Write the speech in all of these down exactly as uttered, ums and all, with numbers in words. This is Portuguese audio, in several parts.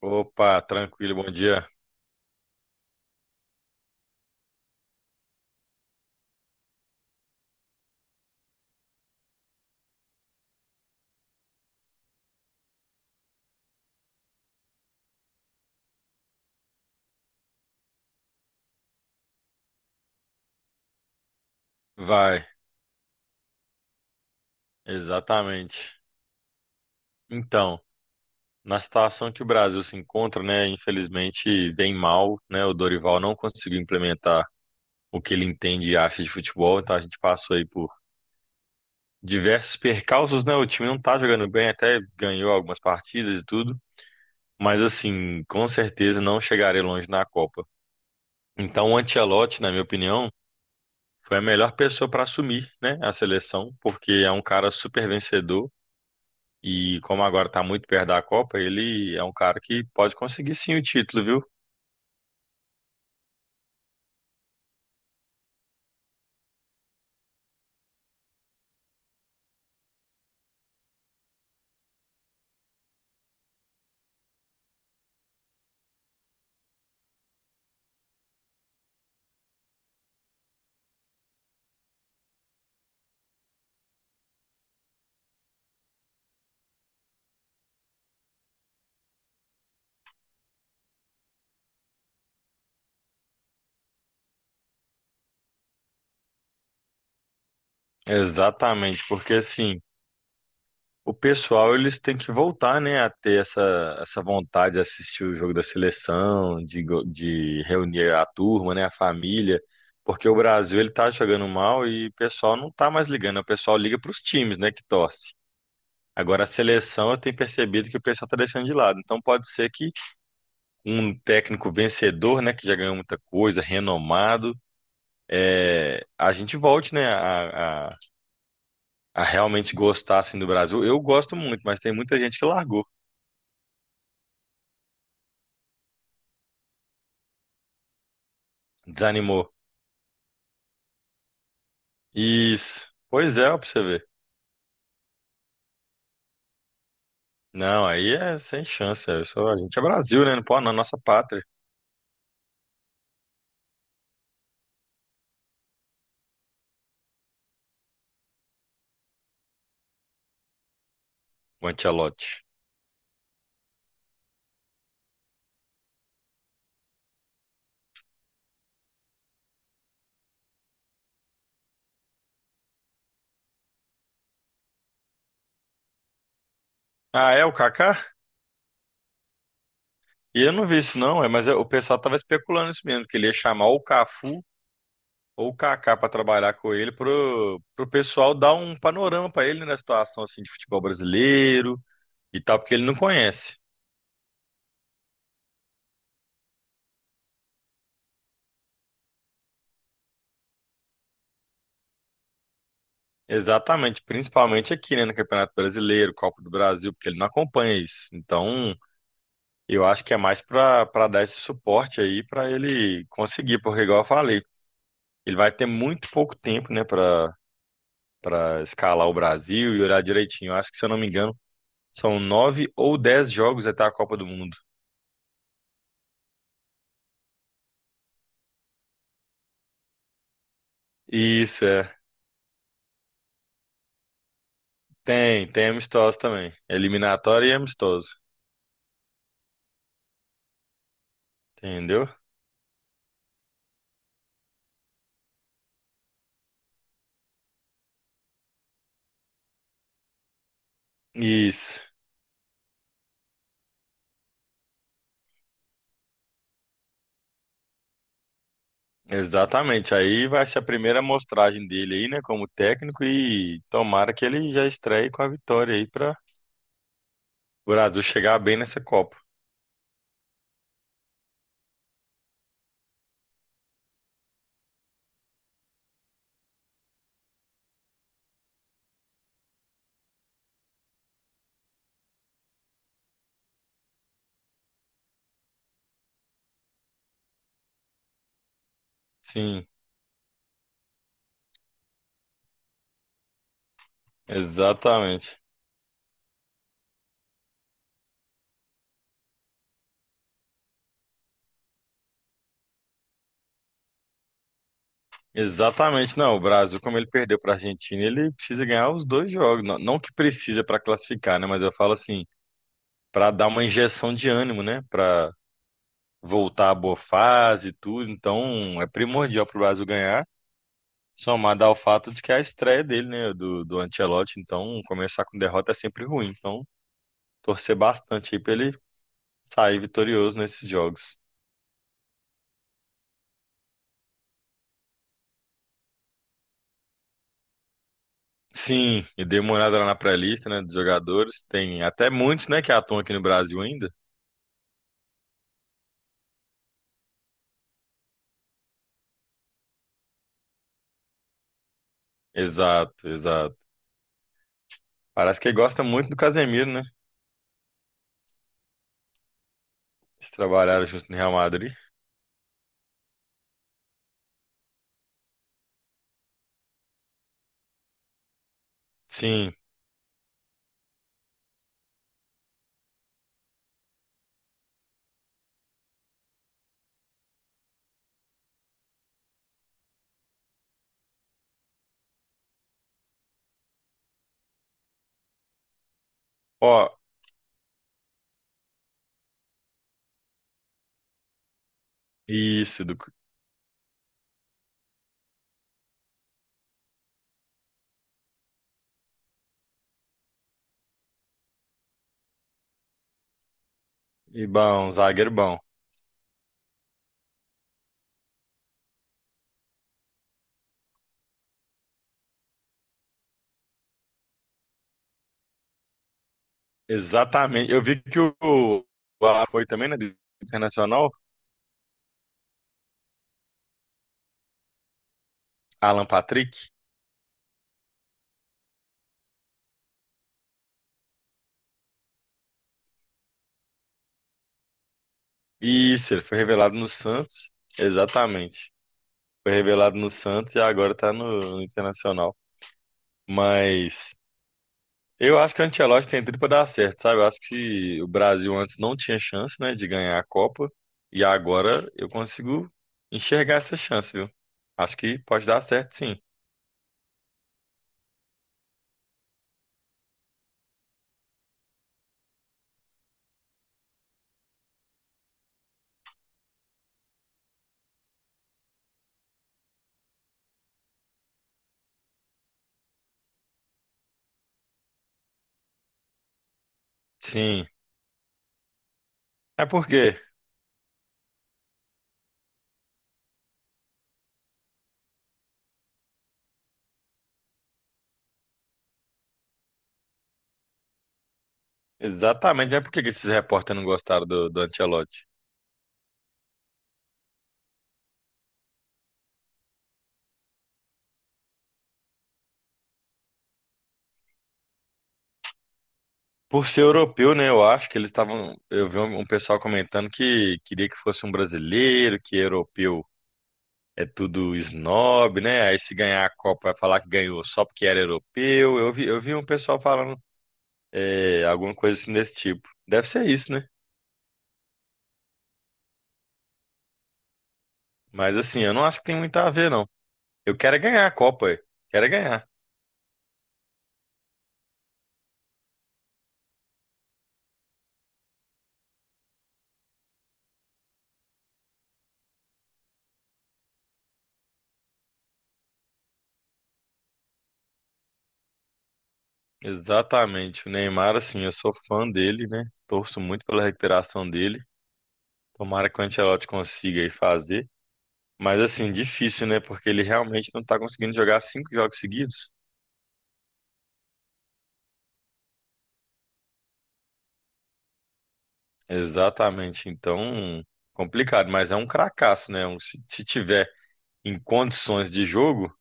Opa, tranquilo, bom dia. Vai, exatamente. Então, na situação que o Brasil se encontra, né, infelizmente bem mal, né, o Dorival não conseguiu implementar o que ele entende e acha de futebol, então a gente passou aí por diversos percalços, né, o time não tá jogando bem, até ganhou algumas partidas e tudo, mas assim, com certeza não chegarei longe na Copa. Então, o Ancelotti, na minha opinião, foi a melhor pessoa para assumir, né, a seleção, porque é um cara super vencedor, e como agora está muito perto da Copa, ele é um cara que pode conseguir sim o título, viu? Exatamente, porque assim, o pessoal eles têm que voltar, né, a ter essa, essa vontade de assistir o jogo da seleção, de, go- de reunir a turma, né, a família, porque o Brasil ele tá jogando mal e o pessoal não tá mais ligando, né, o pessoal liga para os times, né, que torce. Agora a seleção eu tenho percebido que o pessoal tá deixando de lado, então pode ser que um técnico vencedor, né, que já ganhou muita coisa, renomado é, a gente volte, né, a, a, a realmente gostar assim, do Brasil. Eu gosto muito, mas tem muita gente que largou, desanimou. Isso. Pois é, ó, pra você ver. Não, aí é sem chance. Eu sou, a gente é Brasil, né? Não pode, na nossa pátria. O Ancelotti. Ah, é o Kaká? E eu não vi isso, não, é, mas eu- o pessoal tava especulando isso mesmo, que ele ia chamar ou o Cafu ou o Kaká pra trabalhar com ele, pro, pro pessoal dar um panorama pra ele na situação assim, de futebol brasileiro e tal, porque ele não conhece. Exatamente, principalmente aqui, né, no Campeonato Brasileiro, Copa do Brasil, porque ele não acompanha isso. Então, eu acho que é mais para para dar esse suporte aí para ele conseguir, porque igual eu falei, ele vai ter muito pouco tempo, né, para para escalar o Brasil e olhar direitinho. Eu acho que, se eu não me engano, são nove ou dez jogos até a Copa do Mundo. Isso é. Tem, tem amistoso também. Eliminatório e amistoso, entendeu? Isso. Exatamente. Aí vai ser a primeira amostragem dele aí, né, como técnico, e tomara que ele já estreie com a vitória aí para o Brasil chegar bem nessa Copa. Sim, exatamente. Exatamente. Não, o Brasil, como ele perdeu para a Argentina, ele precisa ganhar os dois jogos. Não, não que precisa para classificar, né, mas eu falo assim, para dar uma injeção de ânimo, né, para voltar à boa fase e tudo. Então, é primordial para o Brasil ganhar. Somado ao fato de que é a estreia dele, né, do, do Ancelotti, então começar com derrota é sempre ruim. Então, torcer bastante aí pra ele sair vitorioso nesses jogos. Sim, e dei uma olhada lá na pré-lista, né, dos jogadores. Tem até muitos, né, que atuam aqui no Brasil ainda. Exato, exato. Parece que ele gosta muito do Casemiro, né? Eles trabalharam junto no Real Madrid. Sim, ó, isso, do, e bom, um zagueiro bom. Exatamente. Eu vi que o, o Alan foi também, né, do Internacional, Alan Patrick. Isso, ele foi revelado no Santos. Exatamente. Foi revelado no Santos e agora tá no, no Internacional. Mas eu acho que o Ancelotti tem tudo pra dar certo, sabe? Eu acho que se o Brasil antes não tinha chance, né, de ganhar a Copa, e agora eu consigo enxergar essa chance, viu? Acho que pode dar certo, sim. Sim. É porque, exatamente, é porque esses repórteres não gostaram do, do Ancelotti. Por ser europeu, né? Eu acho que eles estavam. Eu vi um um pessoal comentando que queria que fosse um brasileiro, que europeu é tudo snob, né? Aí se ganhar a Copa vai falar que ganhou só porque era europeu. Eu vi, eu vi um pessoal falando é, alguma coisa assim desse tipo. Deve ser isso, né? Mas assim, eu não acho que tem muito a ver, não. Eu quero é ganhar a Copa, eu quero é ganhar. Exatamente. O Neymar, assim, eu sou fã dele, né? Torço muito pela recuperação dele. Tomara que o Ancelotti consiga aí fazer. Mas assim, difícil, né? Porque ele realmente não tá conseguindo jogar cinco jogos seguidos. Exatamente. Então, complicado, mas é um cracaço, né? Um- Se, se tiver em condições de jogo,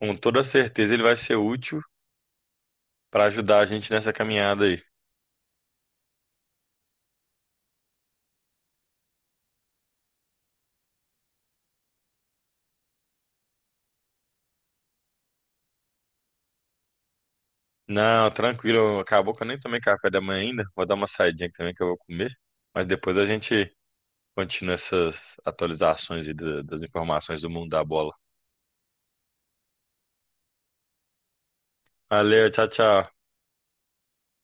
com toda certeza ele vai ser útil para ajudar a gente nessa caminhada aí. Não, tranquilo, acabou que eu nem tomei café da manhã ainda. Vou dar uma saidinha aqui também que eu vou comer. Mas depois a gente continua essas atualizações aí da- das informações do mundo da bola. Valeu, tchau, tchau.